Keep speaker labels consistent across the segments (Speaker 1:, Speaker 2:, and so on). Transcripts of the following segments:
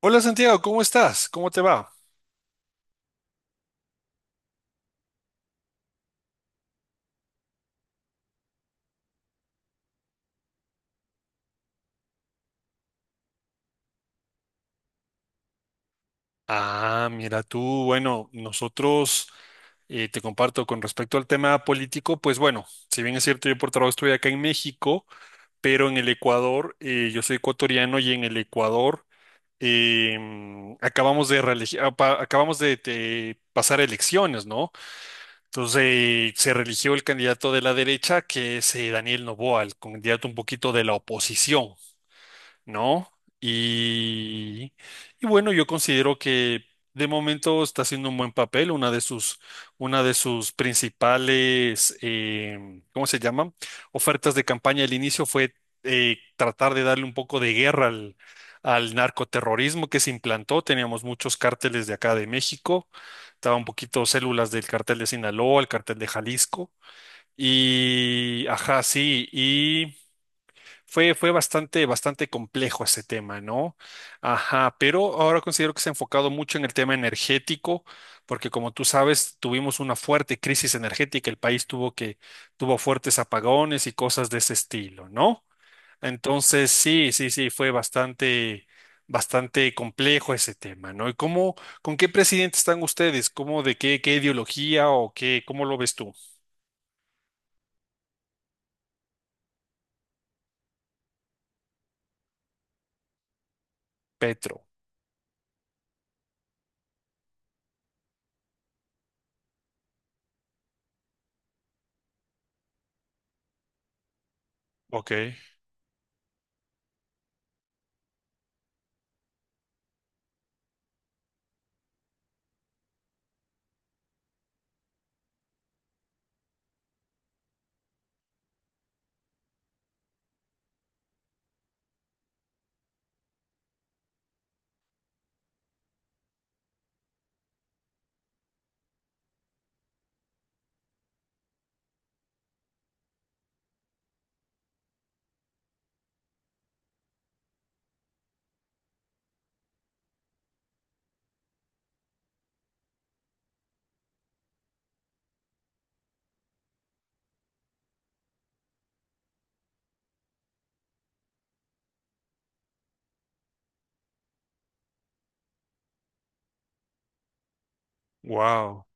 Speaker 1: Hola Santiago, ¿cómo estás? ¿Cómo te va? Ah, mira tú, bueno, nosotros te comparto con respecto al tema político, pues bueno, si bien es cierto, yo por trabajo estoy acá en México, pero en el Ecuador, yo soy ecuatoriano y en el Ecuador acabamos de, acabamos de pasar elecciones, ¿no? Entonces se religió el candidato de la derecha, que es Daniel Noboa, el candidato un poquito de la oposición. ¿No? Y, y bueno, yo considero que de momento está haciendo un buen papel, una de sus principales, ¿cómo se llama? Ofertas de campaña al inicio fue tratar de darle un poco de guerra al, al narcoterrorismo que se implantó. Teníamos muchos cárteles de acá de México, estaba un poquito células del cartel de Sinaloa, el cartel de Jalisco. Y, ajá, sí, y fue, fue bastante, bastante complejo ese tema, ¿no? Ajá, pero ahora considero que se ha enfocado mucho en el tema energético, porque como tú sabes, tuvimos una fuerte crisis energética, el país tuvo que, tuvo fuertes apagones y cosas de ese estilo, ¿no? Entonces, sí, sí, sí, fue bastante, bastante complejo ese tema, ¿no? ¿Y cómo, con qué presidente están ustedes? ¿Cómo, de qué, qué ideología o qué, cómo lo ves tú? Petro. Ok, wow.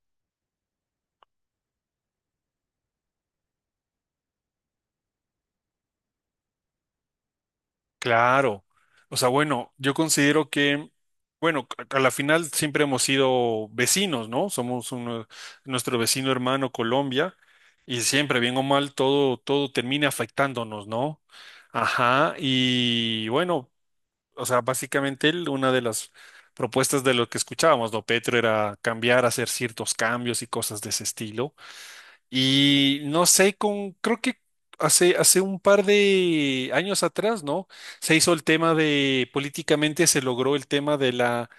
Speaker 1: Claro. O sea, bueno, yo considero que, bueno, a la final siempre hemos sido vecinos, ¿no? Nuestro vecino hermano Colombia y siempre, bien o mal, todo, todo termina afectándonos, ¿no? Ajá. Y bueno, o sea, básicamente él, una de las propuestas de lo que escuchábamos, ¿no? Petro era cambiar, hacer ciertos cambios y cosas de ese estilo. Y no sé, con, creo que hace, hace un par de años atrás, ¿no? Se hizo el tema de, políticamente se logró el tema de la,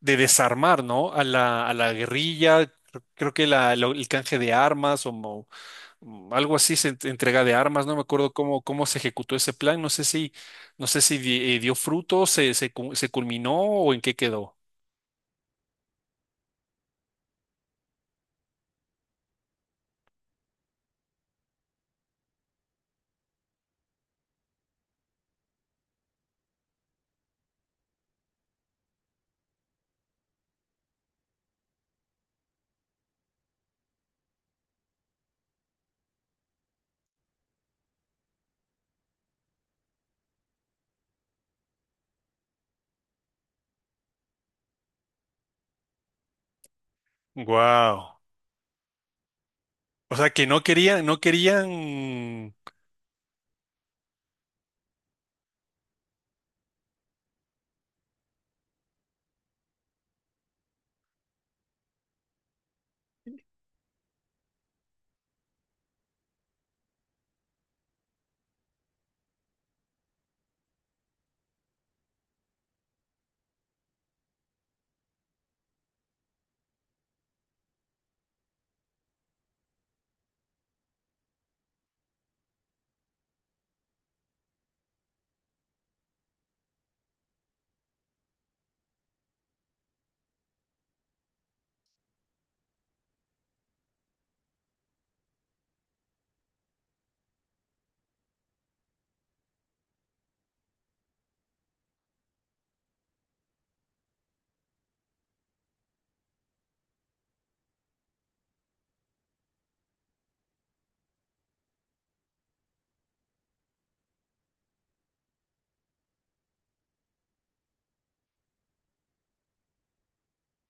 Speaker 1: de desarmar, ¿no? A la guerrilla, creo que el canje de armas o algo así, entrega de armas, no me acuerdo cómo, cómo se ejecutó ese plan, no sé si, no sé si dio fruto, se, se culminó o en qué quedó. Wow. O sea que no querían, no querían.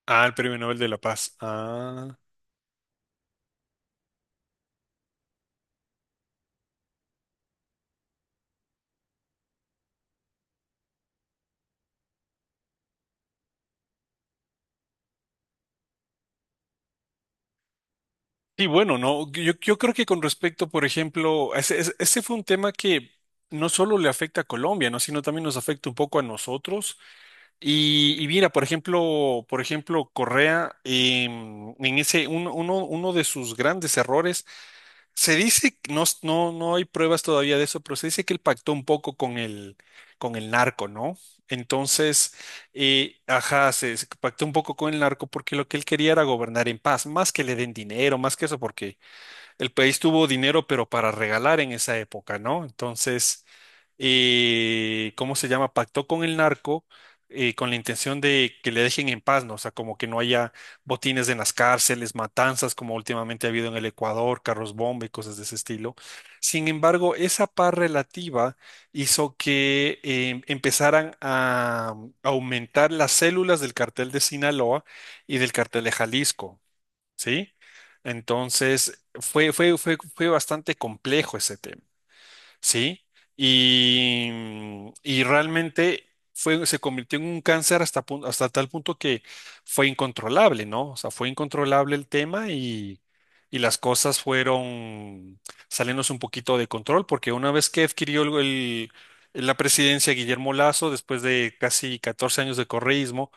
Speaker 1: Ah, el Premio Nobel de la Paz. Ah. Y bueno, no, yo creo que con respecto, por ejemplo, ese ese fue un tema que no solo le afecta a Colombia, ¿no? Sino también nos afecta un poco a nosotros. Y mira, por ejemplo, Correa, en ese, uno de sus grandes errores se dice, no hay pruebas todavía de eso, pero se dice que él pactó un poco con el narco, ¿no? Entonces, ajá, se, se pactó un poco con el narco porque lo que él quería era gobernar en paz, más que le den dinero, más que eso, porque el país tuvo dinero, pero para regalar en esa época, ¿no? Entonces, ¿cómo se llama? Pactó con el narco con la intención de que le dejen en paz, ¿no? O sea, como que no haya botines en las cárceles, matanzas como últimamente ha habido en el Ecuador, carros bomba y cosas de ese estilo. Sin embargo, esa paz relativa hizo que empezaran a aumentar las células del cartel de Sinaloa y del cartel de Jalisco. ¿Sí? Entonces, fue bastante complejo ese tema, ¿sí? Y, y realmente fue, se convirtió en un cáncer hasta, hasta tal punto que fue incontrolable, ¿no? O sea, fue incontrolable el tema y las cosas fueron saliéndose un poquito de control, porque una vez que adquirió el, la presidencia Guillermo Lazo, después de casi 14 años de correísmo,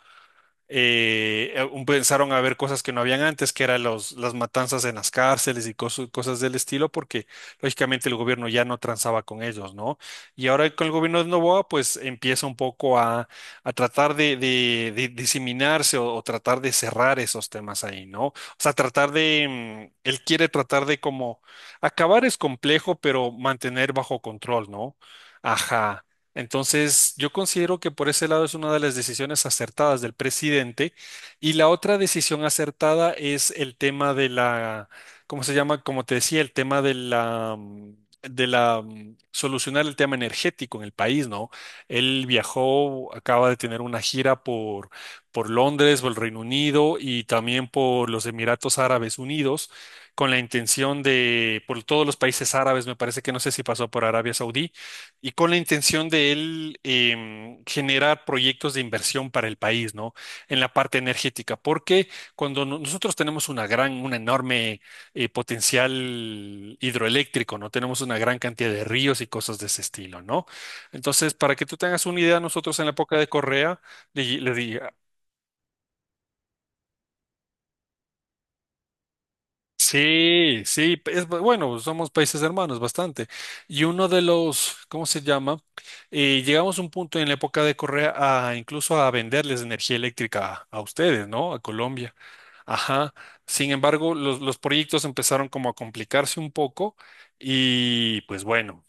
Speaker 1: pensaron a ver cosas que no habían antes, que eran los, las matanzas en las cárceles y cosas del estilo, porque lógicamente el gobierno ya no transaba con ellos, ¿no? Y ahora con el gobierno de Novoa, pues empieza un poco a tratar de, de diseminarse o tratar de cerrar esos temas ahí, ¿no? O sea, tratar de, él quiere tratar de como, acabar es complejo, pero mantener bajo control, ¿no? Ajá. Entonces, yo considero que por ese lado es una de las decisiones acertadas del presidente. Y la otra decisión acertada es el tema de la, ¿cómo se llama? Como te decía, el tema de la, de la, solucionar el tema energético en el país, ¿no? Él viajó, acaba de tener una gira por Londres, por el Reino Unido y también por los Emiratos Árabes Unidos, con la intención de, por todos los países árabes, me parece que no sé si pasó por Arabia Saudí y con la intención de él generar proyectos de inversión para el país, ¿no? En la parte energética, porque cuando no- nosotros tenemos una gran, un enorme potencial hidroeléctrico, ¿no? Tenemos una gran cantidad de ríos y cosas de ese estilo, ¿no? Entonces, para que tú tengas una idea, nosotros en la época de Correa le, le di- sí, sí, es, bueno, somos países hermanos bastante. Y uno de los, ¿cómo se llama? Llegamos a un punto en la época de Correa a incluso a venderles energía eléctrica a ustedes, ¿no? A Colombia. Ajá. Sin embargo, los proyectos empezaron como a complicarse un poco y pues bueno,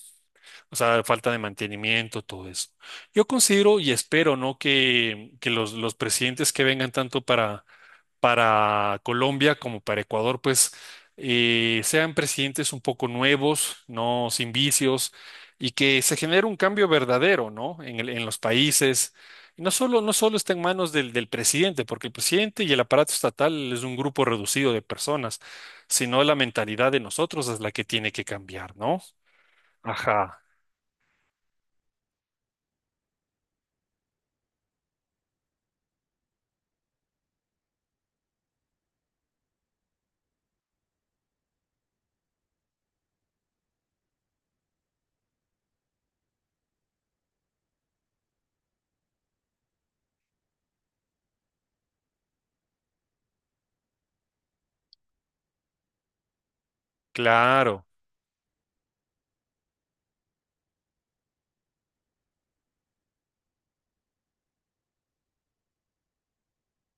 Speaker 1: o sea, falta de mantenimiento, todo eso. Yo considero y espero, ¿no? Que los presidentes que vengan tanto para Colombia como para Ecuador, pues sean presidentes un poco nuevos, no sin vicios, y que se genere un cambio verdadero, ¿no? En los países. Y no solo, no solo está en manos del, del presidente, porque el presidente y el aparato estatal es un grupo reducido de personas, sino la mentalidad de nosotros es la que tiene que cambiar, ¿no? Ajá, claro,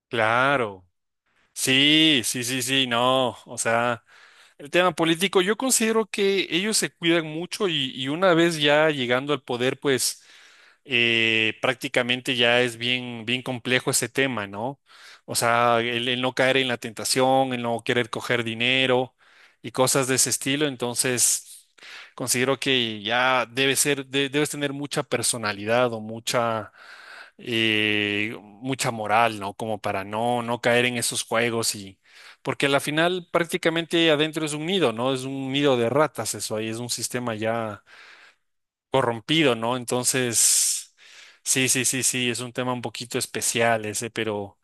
Speaker 1: claro. Sí, sí, sí, sí, no, o sea, el tema político, yo considero que ellos se cuidan mucho y una vez ya llegando al poder, pues prácticamente ya es bien, bien complejo ese tema, ¿no? O sea, el no caer en la tentación, el no querer coger dinero y cosas de ese estilo, entonces considero que ya debe ser, debes tener mucha personalidad o mucha mucha moral, ¿no? Como para no, no caer en esos juegos y... Porque a la final prácticamente adentro es un nido, ¿no? Es un nido de ratas eso ahí, es un sistema ya corrompido, ¿no? Entonces, sí, sí, sí, sí, es un tema un poquito especial ese, pero...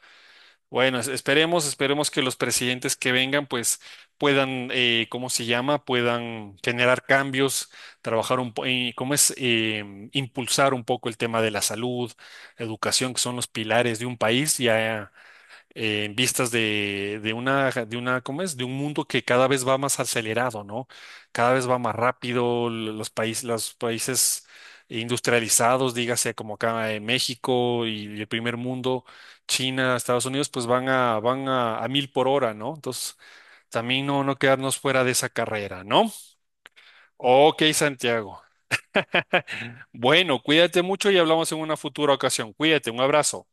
Speaker 1: Bueno, esperemos, esperemos que los presidentes que vengan, pues puedan, ¿cómo se llama? Puedan generar cambios, trabajar ¿cómo es? Impulsar un poco el tema de la salud, educación, que son los pilares de un país. Ya en vistas de una, ¿cómo es? De un mundo que cada vez va más acelerado, ¿no? Cada vez va más rápido, los países industrializados, dígase como acá en México y el primer mundo, China, Estados Unidos, pues van a, van a mil por hora, ¿no? Entonces, también no, no quedarnos fuera de esa carrera, ¿no? Ok, Santiago. Bueno, cuídate mucho y hablamos en una futura ocasión. Cuídate, un abrazo.